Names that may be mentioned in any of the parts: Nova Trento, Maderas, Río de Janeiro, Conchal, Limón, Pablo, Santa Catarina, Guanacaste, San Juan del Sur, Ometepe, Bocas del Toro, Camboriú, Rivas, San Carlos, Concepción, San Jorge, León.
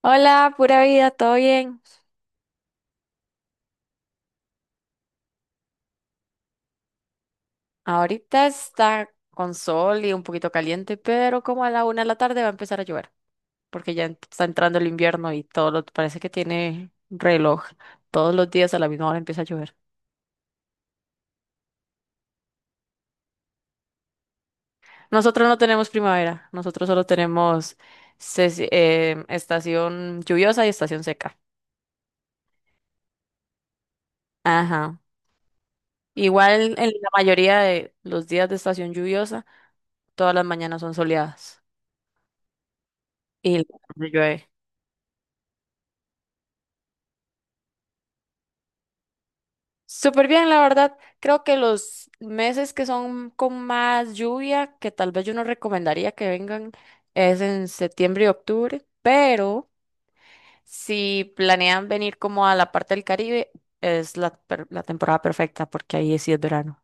Hola, pura vida, ¿todo bien? Ahorita está con sol y un poquito caliente, pero como a la 1 de la tarde va a empezar a llover, porque ya está entrando el invierno y todo lo, parece que tiene reloj. Todos los días a la misma hora empieza a llover. Nosotros no tenemos primavera, nosotros solo tenemos estación lluviosa y estación seca. Ajá. Igual en la mayoría de los días de estación lluviosa, todas las mañanas son soleadas y la tarde llueve. Súper bien, la verdad. Creo que los meses que son con más lluvia, que tal vez yo no recomendaría que vengan, es en septiembre y octubre, pero si planean venir como a la parte del Caribe, es la temporada perfecta porque ahí sí es verano.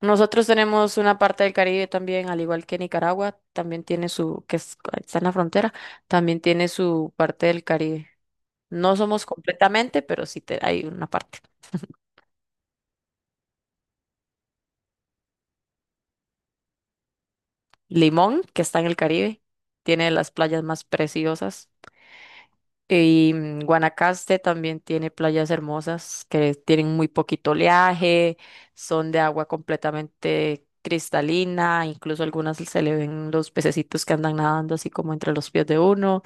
Nosotros tenemos una parte del Caribe también, al igual que Nicaragua, también tiene su, está en la frontera, también tiene su parte del Caribe. No somos completamente, pero sí, hay una parte. Limón, que está en el Caribe, tiene las playas más preciosas. Y Guanacaste también tiene playas hermosas que tienen muy poquito oleaje, son de agua completamente cristalina, incluso algunas se le ven los pececitos que andan nadando así como entre los pies de uno.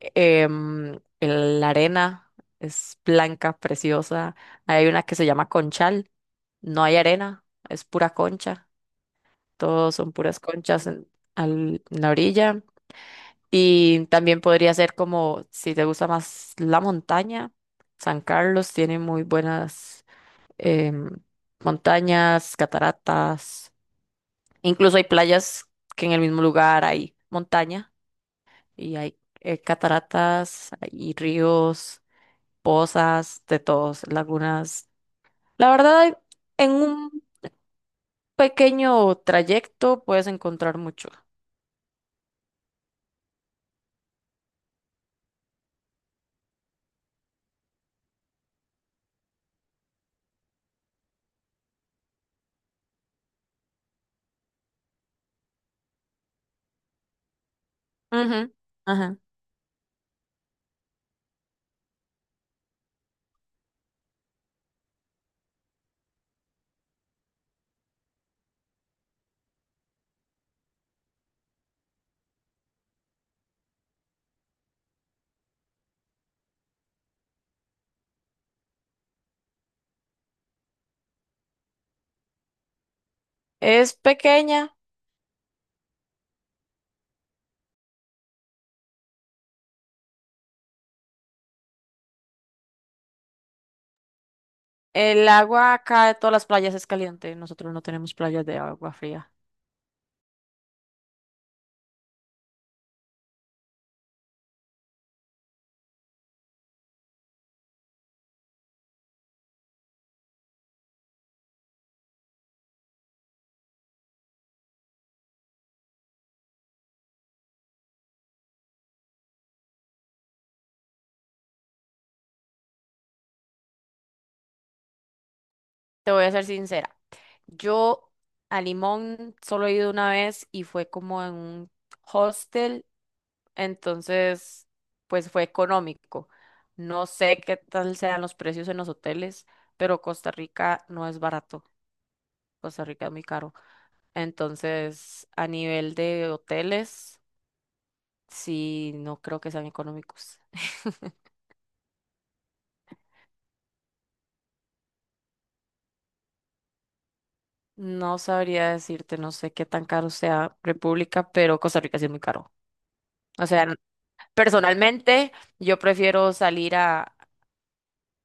La arena es blanca, preciosa. Hay una que se llama Conchal, no hay arena, es pura concha, todos son puras conchas en, en la orilla. Y también podría ser como, si te gusta más la montaña, San Carlos tiene muy buenas em, montañas, cataratas. Incluso hay playas que en el mismo lugar hay montaña y hay cataratas y ríos, pozas, de todos, lagunas. La verdad, en un pequeño trayecto puedes encontrar mucho. Ujú, ajá. Es pequeña. El agua acá de todas las playas es caliente. Nosotros no tenemos playas de agua fría. Te voy a ser sincera. Yo a Limón solo he ido una vez y fue como en un hostel, entonces pues fue económico. No sé qué tal sean los precios en los hoteles, pero Costa Rica no es barato. Costa Rica es muy caro. Entonces, a nivel de hoteles, sí, no creo que sean económicos. No sabría decirte, no sé qué tan caro sea República, pero Costa Rica sí es muy caro. O sea, personalmente yo prefiero salir a,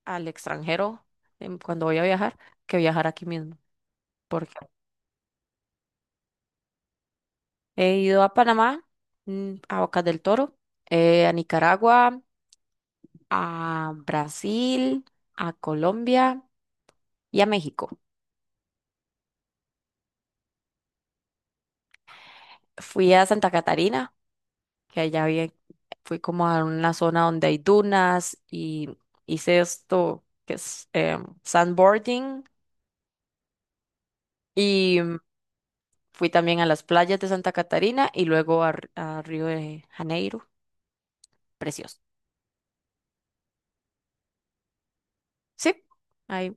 al extranjero cuando voy a viajar que viajar aquí mismo. Porque he ido a Panamá, a Bocas del Toro, a Nicaragua, a Brasil, a Colombia y a México. Fui a Santa Catarina que allá bien fui como a una zona donde hay dunas y hice esto que es sandboarding y fui también a las playas de Santa Catarina y luego a Río de Janeiro, precioso. Sí, ahí.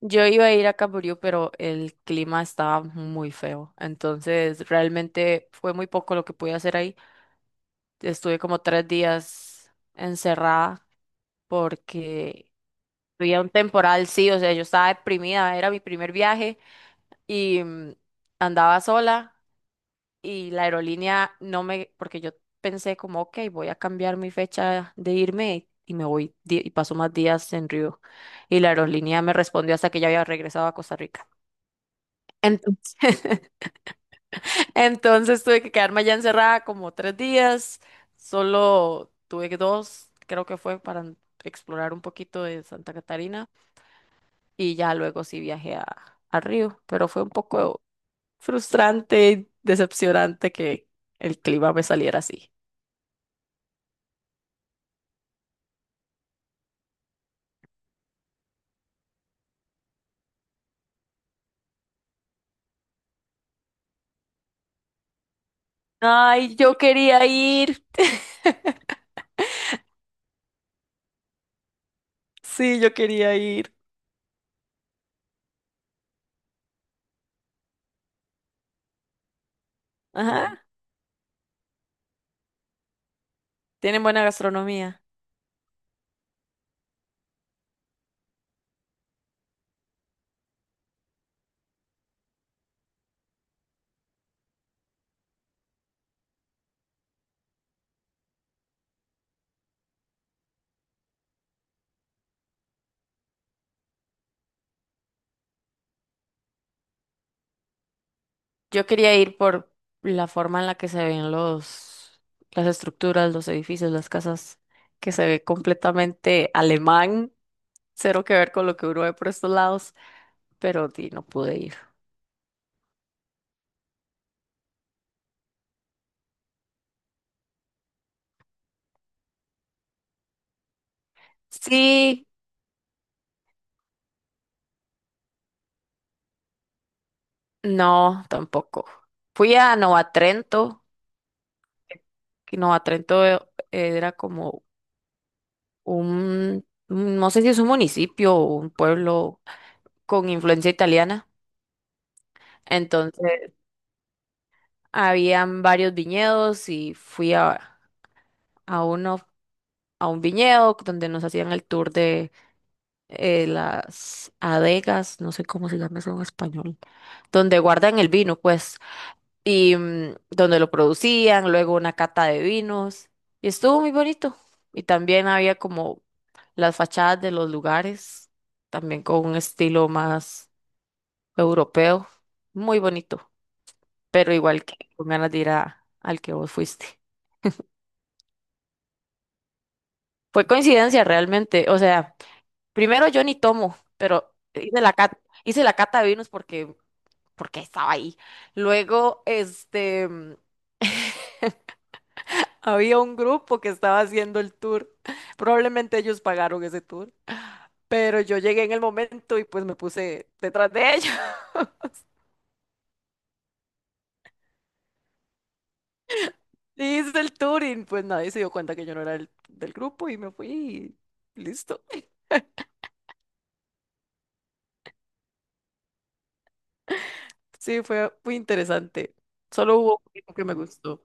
Yo iba a ir a Camboriú, pero el clima estaba muy feo, entonces realmente fue muy poco lo que pude hacer ahí. Estuve como 3 días encerrada porque había un temporal, sí, o sea, yo estaba deprimida, era mi primer viaje y andaba sola y la aerolínea no me, porque yo pensé como, ok, voy a cambiar mi fecha de irme y me voy y paso más días en Río. Y la aerolínea me respondió hasta que ya había regresado a Costa Rica. Entonces, entonces tuve que quedarme allá encerrada como 3 días, solo tuve dos, creo que fue para explorar un poquito de Santa Catarina. Y ya luego sí viajé a Río, pero fue un poco frustrante y decepcionante que el clima me saliera así. Ay, yo quería ir. Sí, yo quería ir. Ajá. Tienen buena gastronomía. Yo quería ir por la forma en la que se ven los, las estructuras, los edificios, las casas, que se ve completamente alemán, cero que ver con lo que uno ve por estos lados, pero di, no pude ir. Sí. No, tampoco. Fui a Nova Trento, que Nova Trento era como un, no sé si es un municipio o un pueblo con influencia italiana. Entonces, habían varios viñedos y fui a uno, a un viñedo donde nos hacían el tour de las adegas, no sé cómo se llama eso en español, donde guardan el vino, pues. Y donde lo producían, luego una cata de vinos, y estuvo muy bonito. Y también había como las fachadas de los lugares, también con un estilo más europeo, muy bonito, pero igual que con ganas de ir al que vos fuiste. Fue coincidencia realmente, o sea, primero yo ni tomo, pero hice la cata de vinos porque, porque estaba ahí. Luego, este, había un grupo que estaba haciendo el tour. Probablemente ellos pagaron ese tour. Pero yo llegué en el momento y pues me puse detrás de ellos. Y hice el tour y pues nadie se dio cuenta que yo no era del, del grupo y me fui y listo. Sí, fue muy interesante. Solo hubo un poquito que me gustó.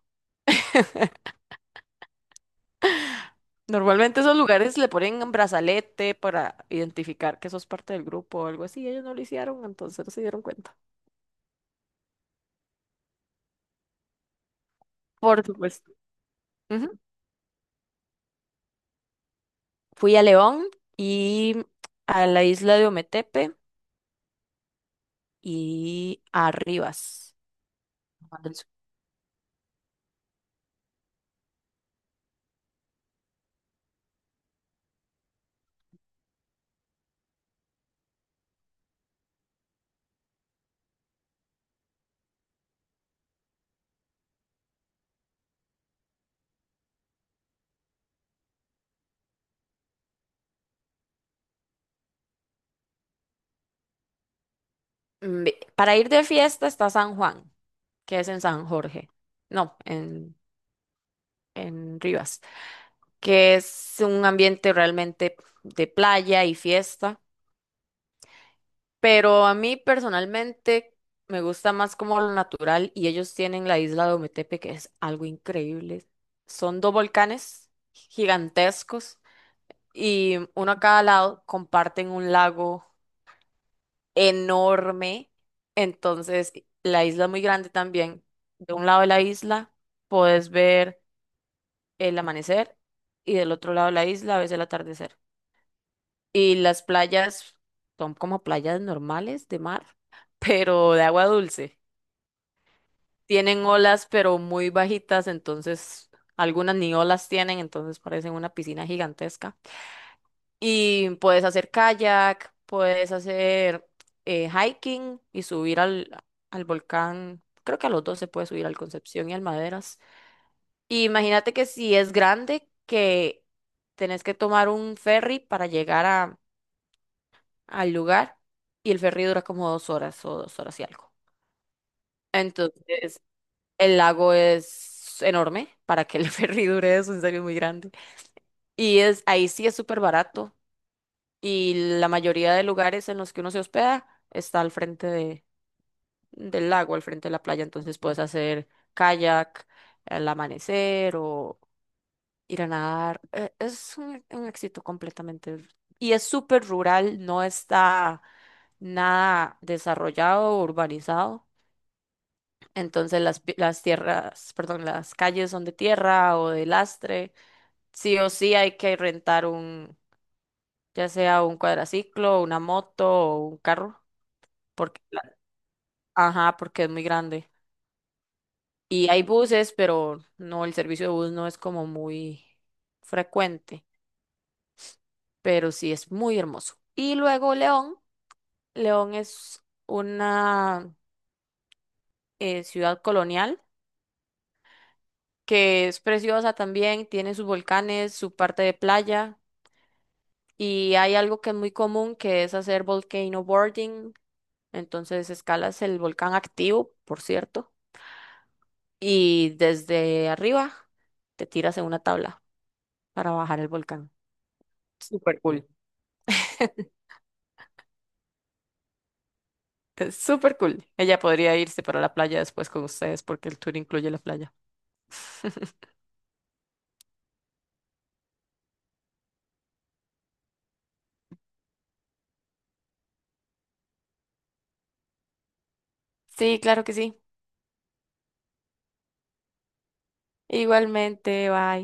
Normalmente esos lugares le ponen un brazalete para identificar que sos parte del grupo o algo así. Ellos no lo hicieron, entonces no se dieron cuenta. Por supuesto. Ujú. Fui a León y a la isla de Ometepe y Arribas. San Juan del Sur. Para ir de fiesta está San Juan, que es en San Jorge. No, en Rivas, que es un ambiente realmente de playa y fiesta. Pero a mí personalmente me gusta más como lo natural y ellos tienen la isla de Ometepe, que es algo increíble. Son dos volcanes gigantescos y uno a cada lado comparten un lago enorme, entonces la isla es muy grande también. De un lado de la isla puedes ver el amanecer y del otro lado de la isla ves el atardecer. Y las playas son como playas normales de mar, pero de agua dulce. Tienen olas, pero muy bajitas, entonces algunas ni olas tienen, entonces parecen una piscina gigantesca. Y puedes hacer kayak, puedes hacer hiking y subir al volcán. Creo que a los dos se puede subir al Concepción y al Maderas. Y imagínate que si es grande, que tenés que tomar un ferry para llegar al lugar y el ferry dura como 2 horas o 2 horas y algo. Entonces, el lago es enorme para que el ferry dure eso, en serio es muy grande. Y ahí sí es súper barato. Y la mayoría de lugares en los que uno se hospeda está al frente del lago, al frente de la playa, entonces puedes hacer kayak al amanecer o ir a nadar. Es un éxito completamente. Y es súper rural, no está nada desarrollado o urbanizado. Entonces las, las tierras, perdón, las calles son de tierra o de lastre. Sí o sí hay que rentar ya sea un cuadraciclo, una moto o un carro porque, ajá, porque es muy grande. Y hay buses, pero no, el servicio de bus no es como muy frecuente, pero sí es muy hermoso. Y luego León, León es una ciudad colonial que es preciosa también, tiene sus volcanes, su parte de playa y hay algo que es muy común que es hacer volcano boarding, entonces escalas el volcán activo, por cierto, y desde arriba te tiras en una tabla para bajar el volcán. Súper cool. Es súper cool. Ella podría irse para la playa después con ustedes porque el tour incluye la playa. Sí, claro que sí. Igualmente, bye.